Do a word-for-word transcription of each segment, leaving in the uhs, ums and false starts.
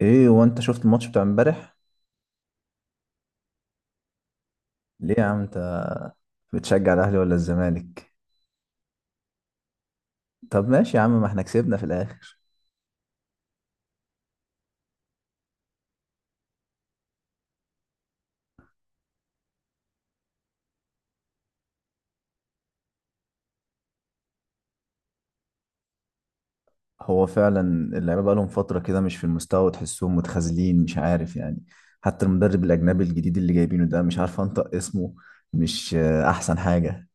ايه وانت شفت الماتش بتاع امبارح؟ ليه يا عم انت بتشجع الاهلي ولا الزمالك؟ طب ماشي يا عم ما احنا كسبنا في الاخر. هو فعلا. اللعيبه بقالهم فتره كده مش في المستوى وتحسهم متخاذلين، مش عارف يعني. حتى المدرب الاجنبي الجديد اللي جايبينه ده مش عارف انطق اسمه. مش آه، احسن حاجه.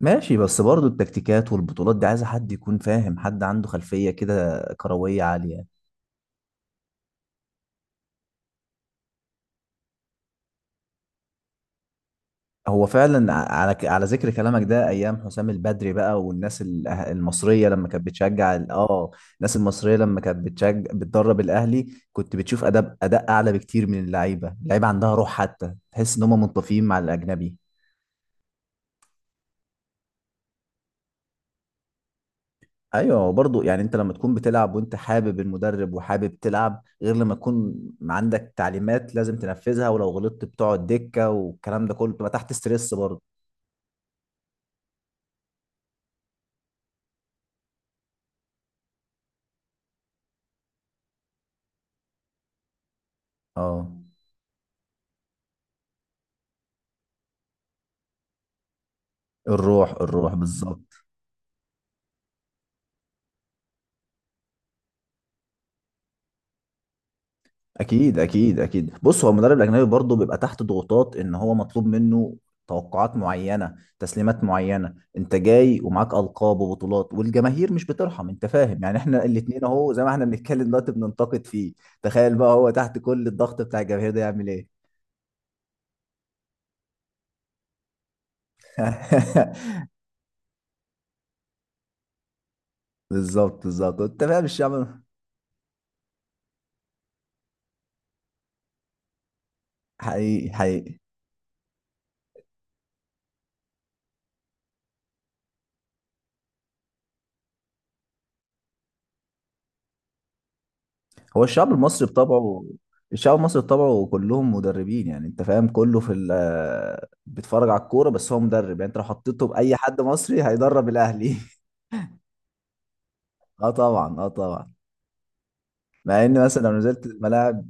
ماشي، بس برضه التكتيكات والبطولات دي عايزه حد يكون فاهم، حد عنده خلفيه كده كرويه عاليه. هو فعلا، ع- على ك- على ذكر كلامك ده ايام حسام البدري بقى، والناس ال- أه، المصريه لما كانت بتشجع ال- اه الناس المصريه لما كانت بتشجع بتدرب الاهلي، كنت بتشوف اداء اداء اعلى بكتير. من اللعيبه، اللعيبه عندها روح، حتى تحس ان هم منطفيين مع الاجنبي. ايوه، برضو يعني انت لما تكون بتلعب وانت حابب المدرب وحابب تلعب، غير لما تكون عندك تعليمات لازم تنفذها، ولو غلطت بتقعد دكه، والكلام ده كله بتبقى تحت ستريس برضو. اه، الروح الروح بالظبط. اكيد اكيد اكيد، بص، هو المدرب الاجنبي برضه بيبقى تحت ضغوطات، ان هو مطلوب منه توقعات معينه، تسليمات معينه، انت جاي ومعاك القاب وبطولات، والجماهير مش بترحم، انت فاهم يعني، احنا الاتنين اهو زي ما احنا بنتكلم دلوقتي بننتقد فيه. تخيل بقى هو تحت كل الضغط بتاع الجماهير ده، يعمل ايه؟ بالظبط بالظبط، انت فاهم الشعب. حقيقي حقيقي. هو الشعب المصري بطبعه الشعب المصري بطبعه كلهم مدربين، يعني انت فاهم، كله في ال آه، بيتفرج على الكوره، بس هو مدرب، يعني انت لو حطيته باي حد مصري هيدرب الاهلي. اه طبعا اه طبعا. مع ان مثلا لو نزلت الملاعب،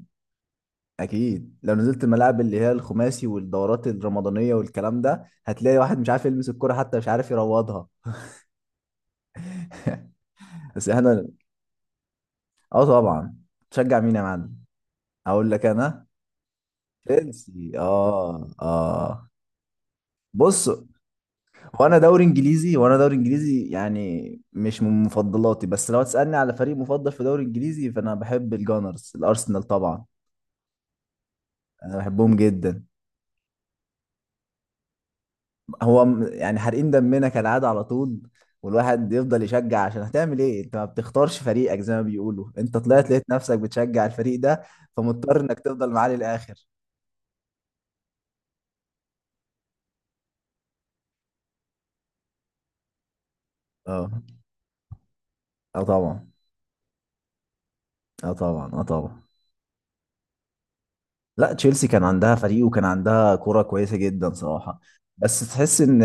اكيد لو نزلت الملاعب اللي هي الخماسي والدورات الرمضانيه والكلام ده، هتلاقي واحد مش عارف يلمس الكوره، حتى مش عارف يروضها. بس احنا، اه طبعا. تشجع مين يا معلم؟ اقول لك انا؟ تشيلسي، اه اه. بص، هو انا دوري انجليزي، وانا دوري انجليزي يعني مش من مفضلاتي، بس لو تسالني على فريق مفضل في دوري انجليزي فانا بحب الجانرز، الارسنال طبعا. انا بحبهم جدا. هو م- يعني حارقين دمنا كالعاده على طول، والواحد يفضل يشجع، عشان هتعمل ايه، انت ما بتختارش فريقك، زي ما بيقولوا انت طلعت لقيت نفسك بتشجع الفريق ده، فمضطر انك تفضل معاه للاخر. اه، اه طبعا اه طبعا اه طبعا. لا، تشيلسي كان عندها فريق وكان عندها كرة كويسة جدا صراحة. بس تحس ان،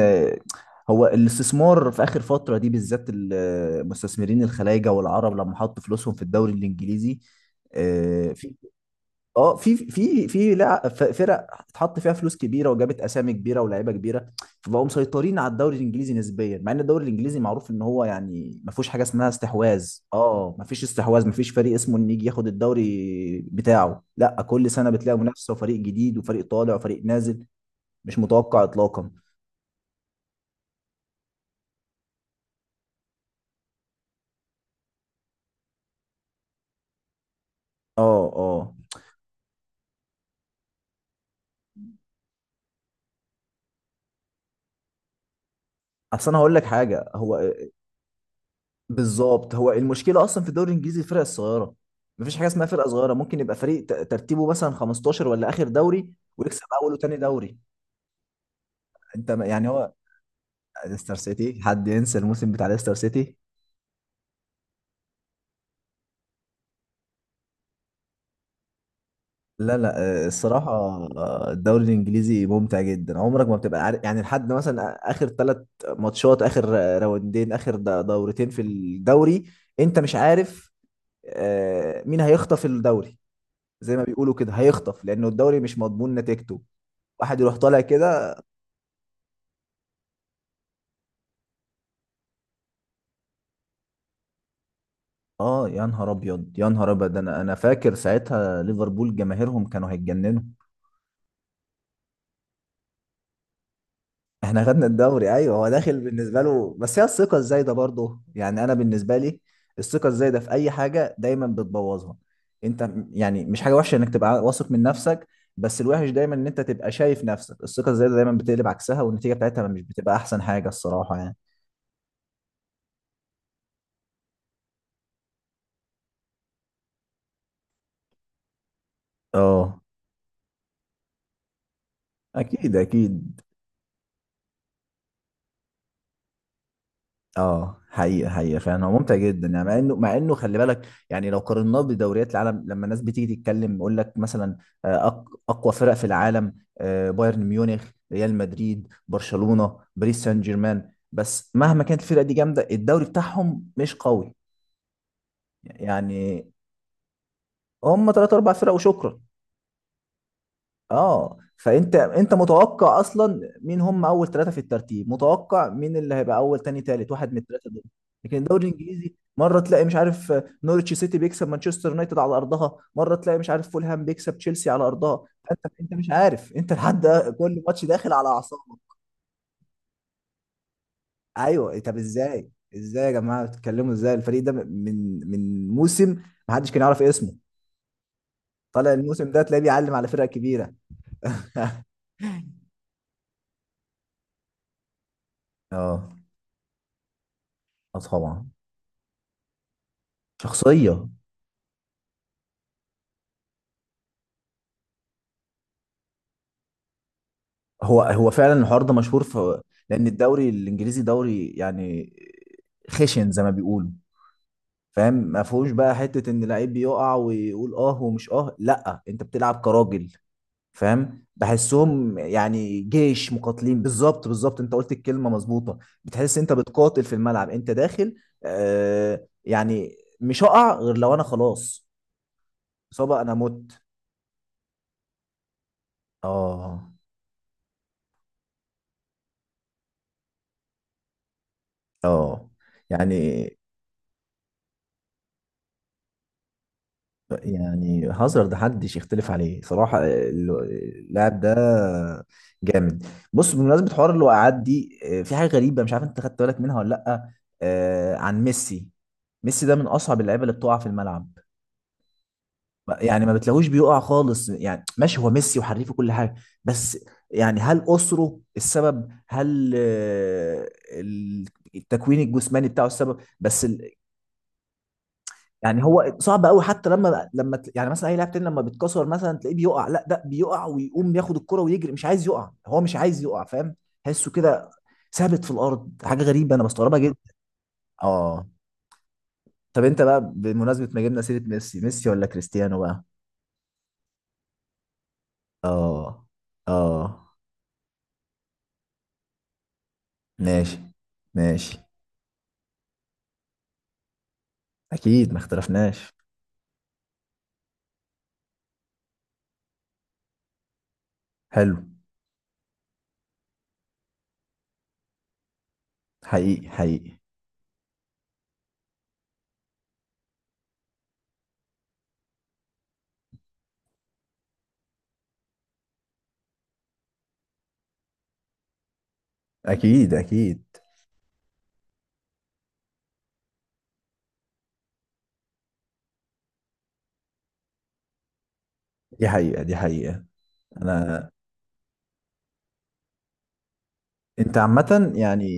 هو الاستثمار في اخر فترة دي بالذات، المستثمرين الخلايجة والعرب لما حطوا فلوسهم في الدوري الانجليزي، آه، في اه، في في في لع- ف- فرق اتحط فيها فلوس كبيره، وجابت اسامي كبيره ولاعيبه كبيره، فبقوا مسيطرين على الدوري الانجليزي نسبيا، مع ان الدوري الانجليزي معروف ان هو يعني ما فيهوش حاجه اسمها استحواذ، اه ما فيش استحواذ، ما فيش فريق اسمه ان يجي ياخد الدوري بتاعه، لا، كل سنه بتلاقي منافسه وفريق جديد وفريق طالع وفريق نازل. مش متوقع اطلاقا. اه اه. اصل انا هقول لك حاجه، هو بالظبط، هو المشكله اصلا في الدوري الانجليزي الفرق الصغيره، مفيش حاجه اسمها فرقه صغيره، ممكن يبقى فريق ت- ترتيبه مثلا خمستاشر ولا اخر دوري، ويكسب اول وتاني دوري. انت ما- يعني هو، ليستر سيتي، حد ينسى الموسم بتاع ليستر سيتي؟ لا لا. آه، الصراحه، آه، الدوري الانجليزي ممتع جدا، عمرك ما بتبقى عارف، يعني لحد مثلا اخر ثلاث ماتشات، اخر آه، راوندين، اخر د- دورتين في الدوري، انت مش عارف آه، مين هيخطف الدوري، زي ما بيقولوا كده هيخطف، لانه الدوري مش مضمون نتيجته. واحد يروح طالع كده. اه، يا نهار ابيض يا نهار ابيض، ده انا انا فاكر ساعتها ليفربول جماهيرهم كانوا هيتجننوا. احنا خدنا الدوري، ايوه، هو داخل بالنسبه له، بس هي الثقه الزايده برضه، يعني انا بالنسبه لي الثقه الزايده في اي حاجه دايما بتبوظها. انت م- يعني مش حاجه وحشه انك تبقى واثق من نفسك، بس الوحش دايما ان انت تبقى شايف نفسك، الثقه الزايده دايما بتقلب عكسها، والنتيجه بتاعتها مش بتبقى احسن حاجه الصراحه يعني. اه اكيد اكيد. اه حقيقة حقيقة، فعلا هو ممتع جدا، يعني مع انه مع انه خلي بالك، يعني لو قارناه بدوريات العالم، لما الناس بتيجي تتكلم يقول لك مثلا آه، أق- اقوى فرق في العالم، آه، بايرن ميونخ، ريال مدريد، برشلونة، باريس سان جيرمان، بس مهما كانت الفرق دي جامدة، الدوري بتاعهم مش قوي. يعني هم ثلاث اربع فرق وشكرا. اه، فانت انت متوقع اصلا مين هم اول ثلاثه في الترتيب، متوقع مين اللي هيبقى اول، تاني، تالت، واحد من الثلاثه دول. لكن الدوري الانجليزي مره تلاقي مش عارف نورتش سيتي بيكسب مانشستر يونايتد على ارضها، مره تلاقي مش عارف فولهام بيكسب تشيلسي على ارضها، فانت انت مش عارف، انت لحد كل ماتش داخل على اعصابك. ايوه، إيه، طب ازاي؟ ازاي يا جماعه بتتكلموا ازاي، الفريق ده من من موسم ما حدش كان يعرف اسمه، طالع الموسم ده تلاقيه بيعلم على فرق كبيره. اه، آه طبعا. شخصيه. هو هو فعلا الحوار ده مشهور، في، لان الدوري الانجليزي دوري يعني خشن زي ما بيقولوا، فاهم، ما فيهوش بقى حته ان لعيب بيقع ويقول اه ومش اه، لا، انت بتلعب كراجل، فاهم، بحسهم يعني جيش مقاتلين. بالظبط بالظبط، انت قلت الكلمه مظبوطه. بتحس انت بتقاتل في الملعب، انت داخل، آه، يعني مش هقع غير لو انا خلاص اصابه انا مت. اه اه. يعني يعني هازارد محدش يختلف عليه صراحة، ال- اللاعب ده جامد. بص، بمناسبة حوار الوقعات دي، آه، في حاجة غريبة مش عارف انت خدت بالك منها ولا لأ، آه، عن ميسي. ميسي ده من أصعب اللعيبة اللي بتقع في الملعب. ما- يعني ما بتلاقوش بيقع خالص، يعني ماشي هو ميسي وحريف وكل حاجة، بس يعني هل أسره السبب، هل آه، ال- التكوين الجسماني بتاعه السبب، بس ال- يعني هو صعب قوي، حتى لما لما ت- يعني مثلا اي لاعب تاني لما بيتكسر مثلا تلاقيه بيقع، لا ده بيقع ويقوم ياخد الكرة ويجري، مش عايز يقع، هو مش عايز يقع، فاهم، تحسه كده ثابت في الارض، حاجه غريبه انا بستغربها جدا. اه، طب انت بقى بمناسبه ما جبنا سيره ميسي ميسي ولا كريستيانو بقى؟ اه اه. ماشي ماشي. اكيد ما اختلفناش. حلو. حقيقي حقيقي. اكيد اكيد. دي حقيقة دي حقيقة. انا، انت عامة يعني،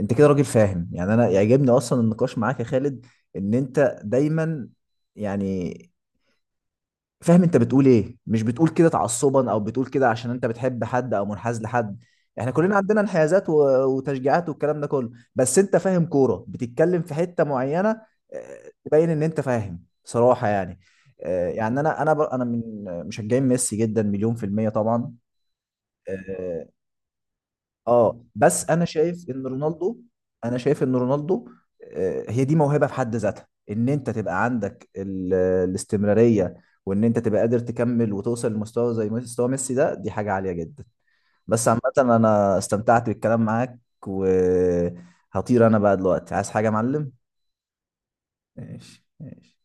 انت كده راجل فاهم، يعني انا يعجبني اصلا النقاش معاك يا خالد، ان انت دايما، يعني، فاهم انت بتقول ايه، مش بتقول كده تعصبا، او بتقول كده عشان انت بتحب حد او منحاز لحد، احنا كلنا عندنا انحيازات و- وتشجيعات والكلام ده كله، بس انت فاهم كورة، بتتكلم في حتة معينة، اه، تبين ان انت فاهم صراحة يعني. اه، يعني انا انا بر- انا من مشجعين ميسي جدا، مليون في المية طبعا. آه، اه، بس انا شايف ان رونالدو، انا شايف ان رونالدو، آه، هي دي موهبه في حد ذاتها، ان انت تبقى عندك ال- الاستمراريه، وان انت تبقى قادر تكمل وتوصل لمستوى زي مستوى ميسي، ده دي حاجه عاليه جدا، بس عامه انا استمتعت بالكلام معاك، وهطير انا بقى دلوقتي، عايز حاجه يا معلم؟ ماشي ماشي.